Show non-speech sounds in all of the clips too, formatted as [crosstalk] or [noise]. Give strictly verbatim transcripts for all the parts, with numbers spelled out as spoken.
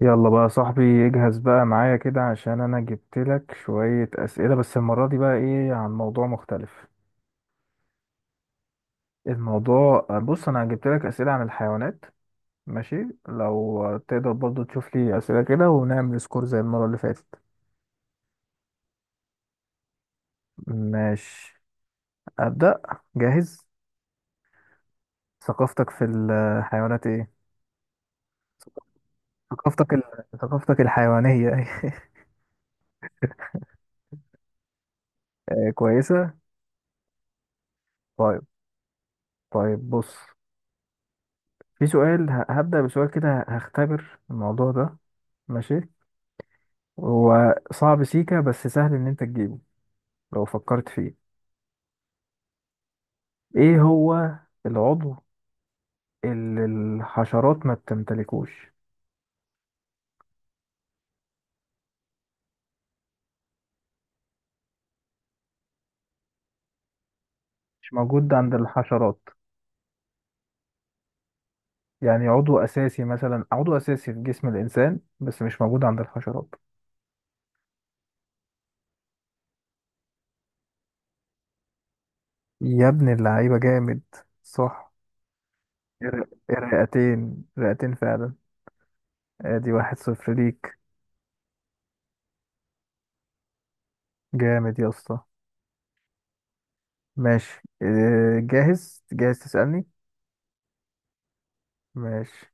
يلا بقى يا صاحبي. اجهز بقى معايا كده عشان انا جبت لك شوية اسئلة، بس المرة دي بقى ايه عن موضوع مختلف. الموضوع بص انا جبت لك اسئلة عن الحيوانات. ماشي. لو تقدر برضو تشوف لي اسئلة كده ونعمل سكور زي المرة اللي فاتت. ماشي. ابدأ. جاهز. ثقافتك في الحيوانات ايه؟ ثقافتك ال... ثقافتك الحيوانية. [laughs] كويسة. طيب. طيب بص، في سؤال ه- هبدأ بسؤال كده هختبر الموضوع ده. ماشي. هو صعب سيكا بس سهل ان انت تجيبه لو فكرت فيه. ايه هو العضو اللي الحشرات ما بتمتلكوش؟ مش موجود عند الحشرات، يعني عضو اساسي مثلا، عضو اساسي في جسم الانسان بس مش موجود عند الحشرات. يا ابن اللعيبة جامد! صح، الر- الرئتين، رئتين فعلا. ادي واحد صفر ليك. جامد يا اسطى. ماشي إيه، جاهز جاهز تسألني. ماشي.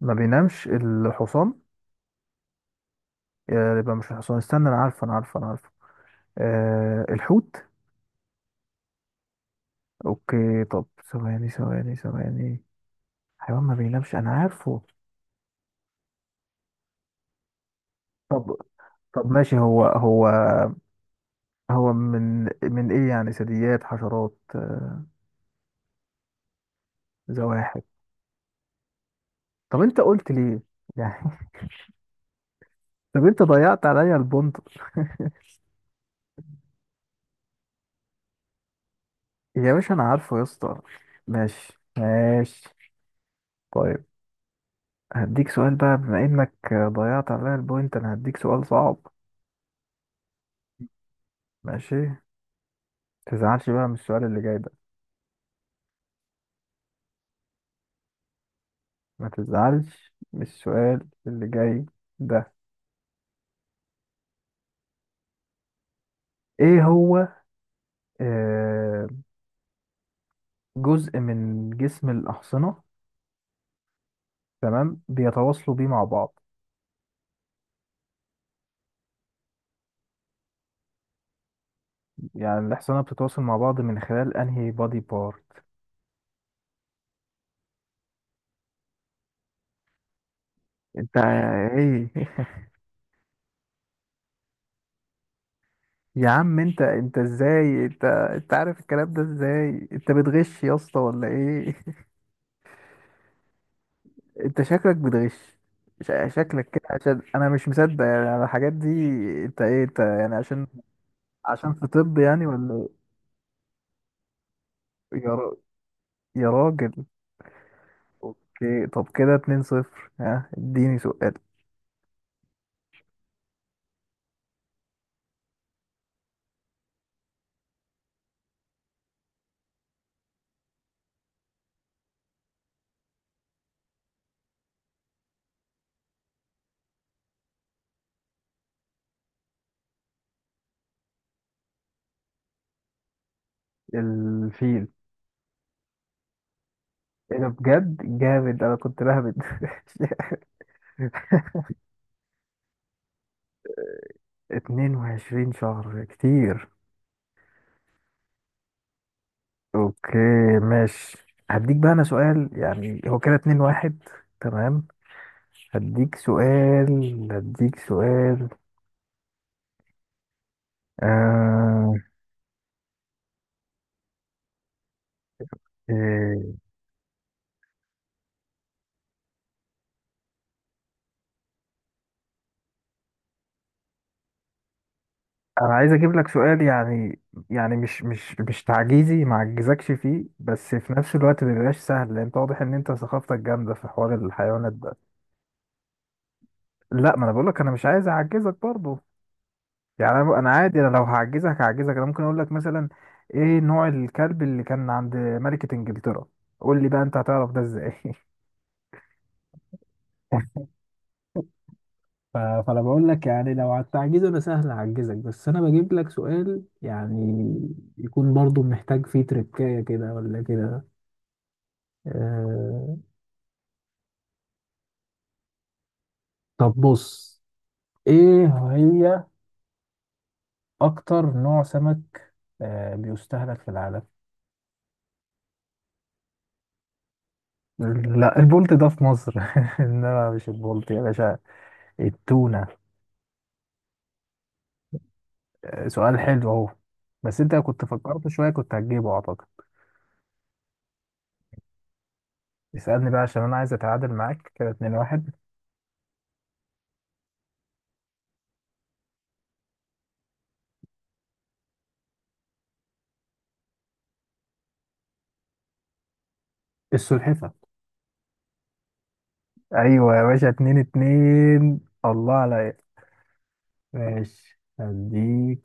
ما بينامش الحصان. يبقى مش الحصان، استنى انا عارفه انا عارفه انا عارفه. أه الحوت. اوكي طب، ثواني ثواني ثواني، حيوان ما بينامش انا عارفه. طب، طب ماشي هو هو هو من من ايه يعني، ثدييات حشرات، آه، زواحف؟ طب انت قلت ليه يعني؟ [laughs] طب انت ضيعت عليا البنط. يا باشا انا عارفه يا اسطى. ماشي. ماشي. طيب. هديك سؤال بقى بما انك ضيعت عليا البوينت انا هديك سؤال صعب. ماشي، تزعلش بقى من السؤال اللي جاي ده. ما تزعلش من السؤال اللي جاي ده. ايه هو، آه، جزء من جسم الأحصنة، تمام، بيتواصلوا بيه مع بعض. يعني الأحصنة بتتواصل مع بعض من خلال انهي بادي بارت؟ انت ايه! [laughs] يا عم انت انت ازاي انت انت عارف الكلام ده، ازاي انت بتغش يا اسطى ولا ايه؟ [laughs] انت شكلك بتغش. شا- شكلك كده عشان انا مش مصدق يعني على الحاجات دي. انت ايه، انت يعني عشان، عشان في طب يعني ولا... إيه؟ يا رب، يا راجل. اوكي طب كده اتنين صفر، ها اديني سؤال. الفيل. ايه ده بجد جامد، انا كنت بهبد [laughs] اتنين وعشرين شهر كتير. اوكي. ماشي. هديك بقى انا سؤال يعني هو كده اتنين واحد. تمام. هديك سؤال. هديك سؤال. آه... إيه، انا عايز اجيب لك سؤال يعني. يعني مش مش مش تعجيزي، ما اعجزكش فيه، بس في نفس الوقت ما بيبقاش سهل لان انت واضح ان انت ثقافتك جامده في حوار الحيوانات ده. لا، ما انا بقول لك انا مش عايز اعجزك برضه. يعني انا أنا عادي، انا لو هعجزك هعجزك. انا ممكن اقول لك مثلا، ايه نوع الكلب اللي كان عند ملكة انجلترا؟ قول لي بقى انت هتعرف ده ازاي؟ [laughs] ف- فانا بقول لك يعني لو على التعجيز انا سهل اعجزك، بس انا بجيب لك سؤال يعني يكون برضو محتاج فيه تركاية كده ولا كده. آه، طب بص، ايه هي اكتر نوع سمك آه، بيستهلك في العالم؟ لا، البولت ده في مصر [laughs] انما مش البولت يا باشا، التونة. آه، سؤال حلو اهو، بس انت لو كنت فكرت شوية كنت هتجيبه اعتقد. اسألني بقى عشان انا عايز اتعادل معاك كده اتنين واحد. السلحفة. ايوه يا باشا، اتنين اتنين، الله عليا. ماشي هديك.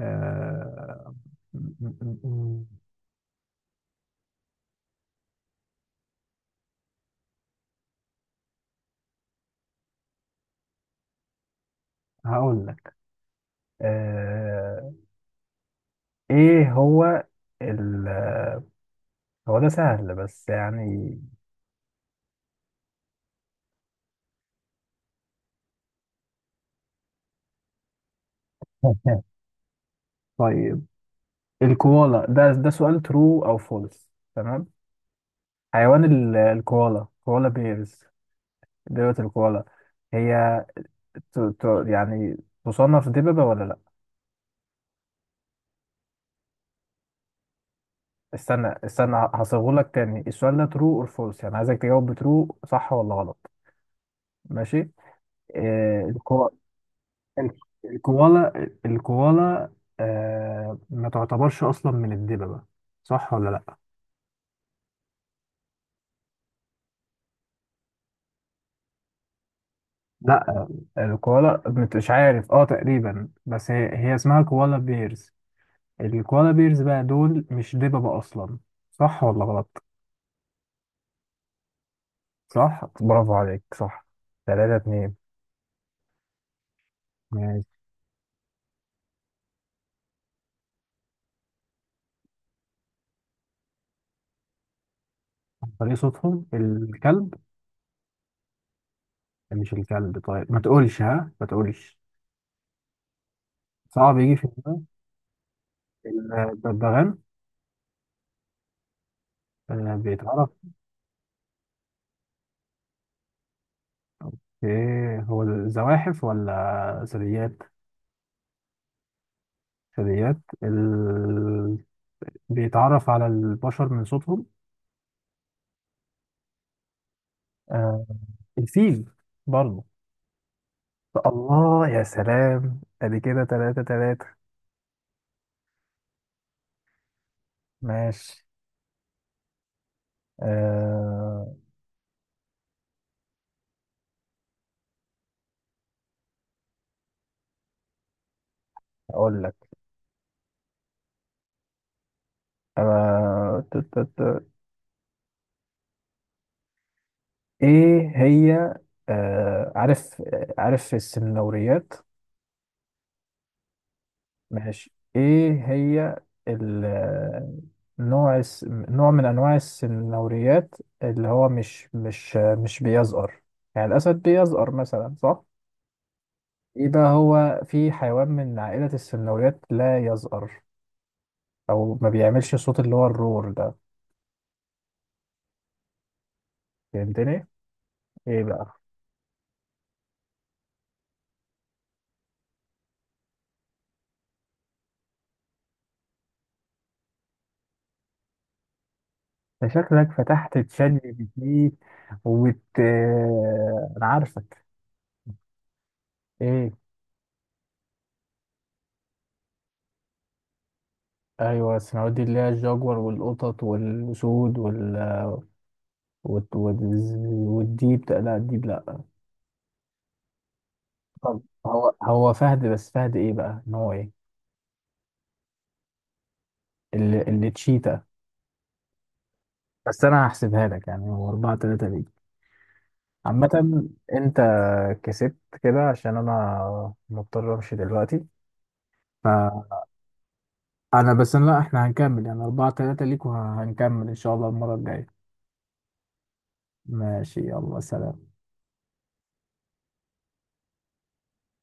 آه... م- م- م- م. هقول لك، آه، ايه هو ال، هو ده سهل بس يعني. [laughs] طيب، الكوالا، ده ده سؤال ترو او فولس تمام. حيوان ال- الكوالا، كوالا بيرز، دببة الكوالا، هي ت... ت... يعني تصنف دببة ولا لا؟ استنى استنى هصيغهولك تاني. السؤال ده ترو اور فولس، يعني عايزك تجاوب بترو، صح ولا غلط. ماشي. آه الكو... ال- الكوالا، الكوالا آه ما تعتبرش اصلا من الدببة، صح ولا لا؟ لا الكوالا، مش عارف اه تقريبا، بس هي, هي اسمها كوالا بيرز. الكوالا بيرز بقى دول مش دببة اصلا، صح ولا غلط؟ صح، برافو عليك، صح. ثلاثة اتنين. ماشي. عن طريق صوتهم؟ الكلب. مش الكلب، طيب ما تقولش ها، ما تقولش صعب يجي في دماغك. الببغان. آه، بيتعرف، ايه هو، الزواحف ولا ثدييات؟ ثدييات. ال... بيتعرف على البشر من صوتهم. آه الفيل برضه. الله يا سلام، ادي كده تلاتة تلاتة. ماشي. آه اقول لك، آه ت- ت- ت- ايه هي، آه عارف، عارف السنوريات؟ ماشي، ايه هي ال- نوع الس- نوع من انواع السنوريات اللي هو مش مش مش بيزقر، يعني الاسد بيزقر مثلا صح. ايه بقى هو، في حيوان من عائلة السلمونيات لا يزأر، او ما بيعملش صوت اللي هو الروار ده؟ فهمتني، ايه بقى؟ ده شكلك فتحت تشات جي بي تي وبت، آه، انا عارفك. ايه؟ ايوه السلمونيات دي اللي هي الجاجور والقطط والاسود وال... والد- والز- والديب ده، لا الديب لا. طب هو هو فهد، بس فهد ايه بقى ان هو ايه، اللي, اللي تشيتا. بس انا هحسبها لك يعني هو اربعة تلاتة عامة. انت كسبت كده عشان انا مضطر امشي دلوقتي. فانا، بس لا احنا هنكمل، يعني اربعة تلاتة ليك وهنكمل ان شاء الله المرة الجاية. ماشي يلا سلام.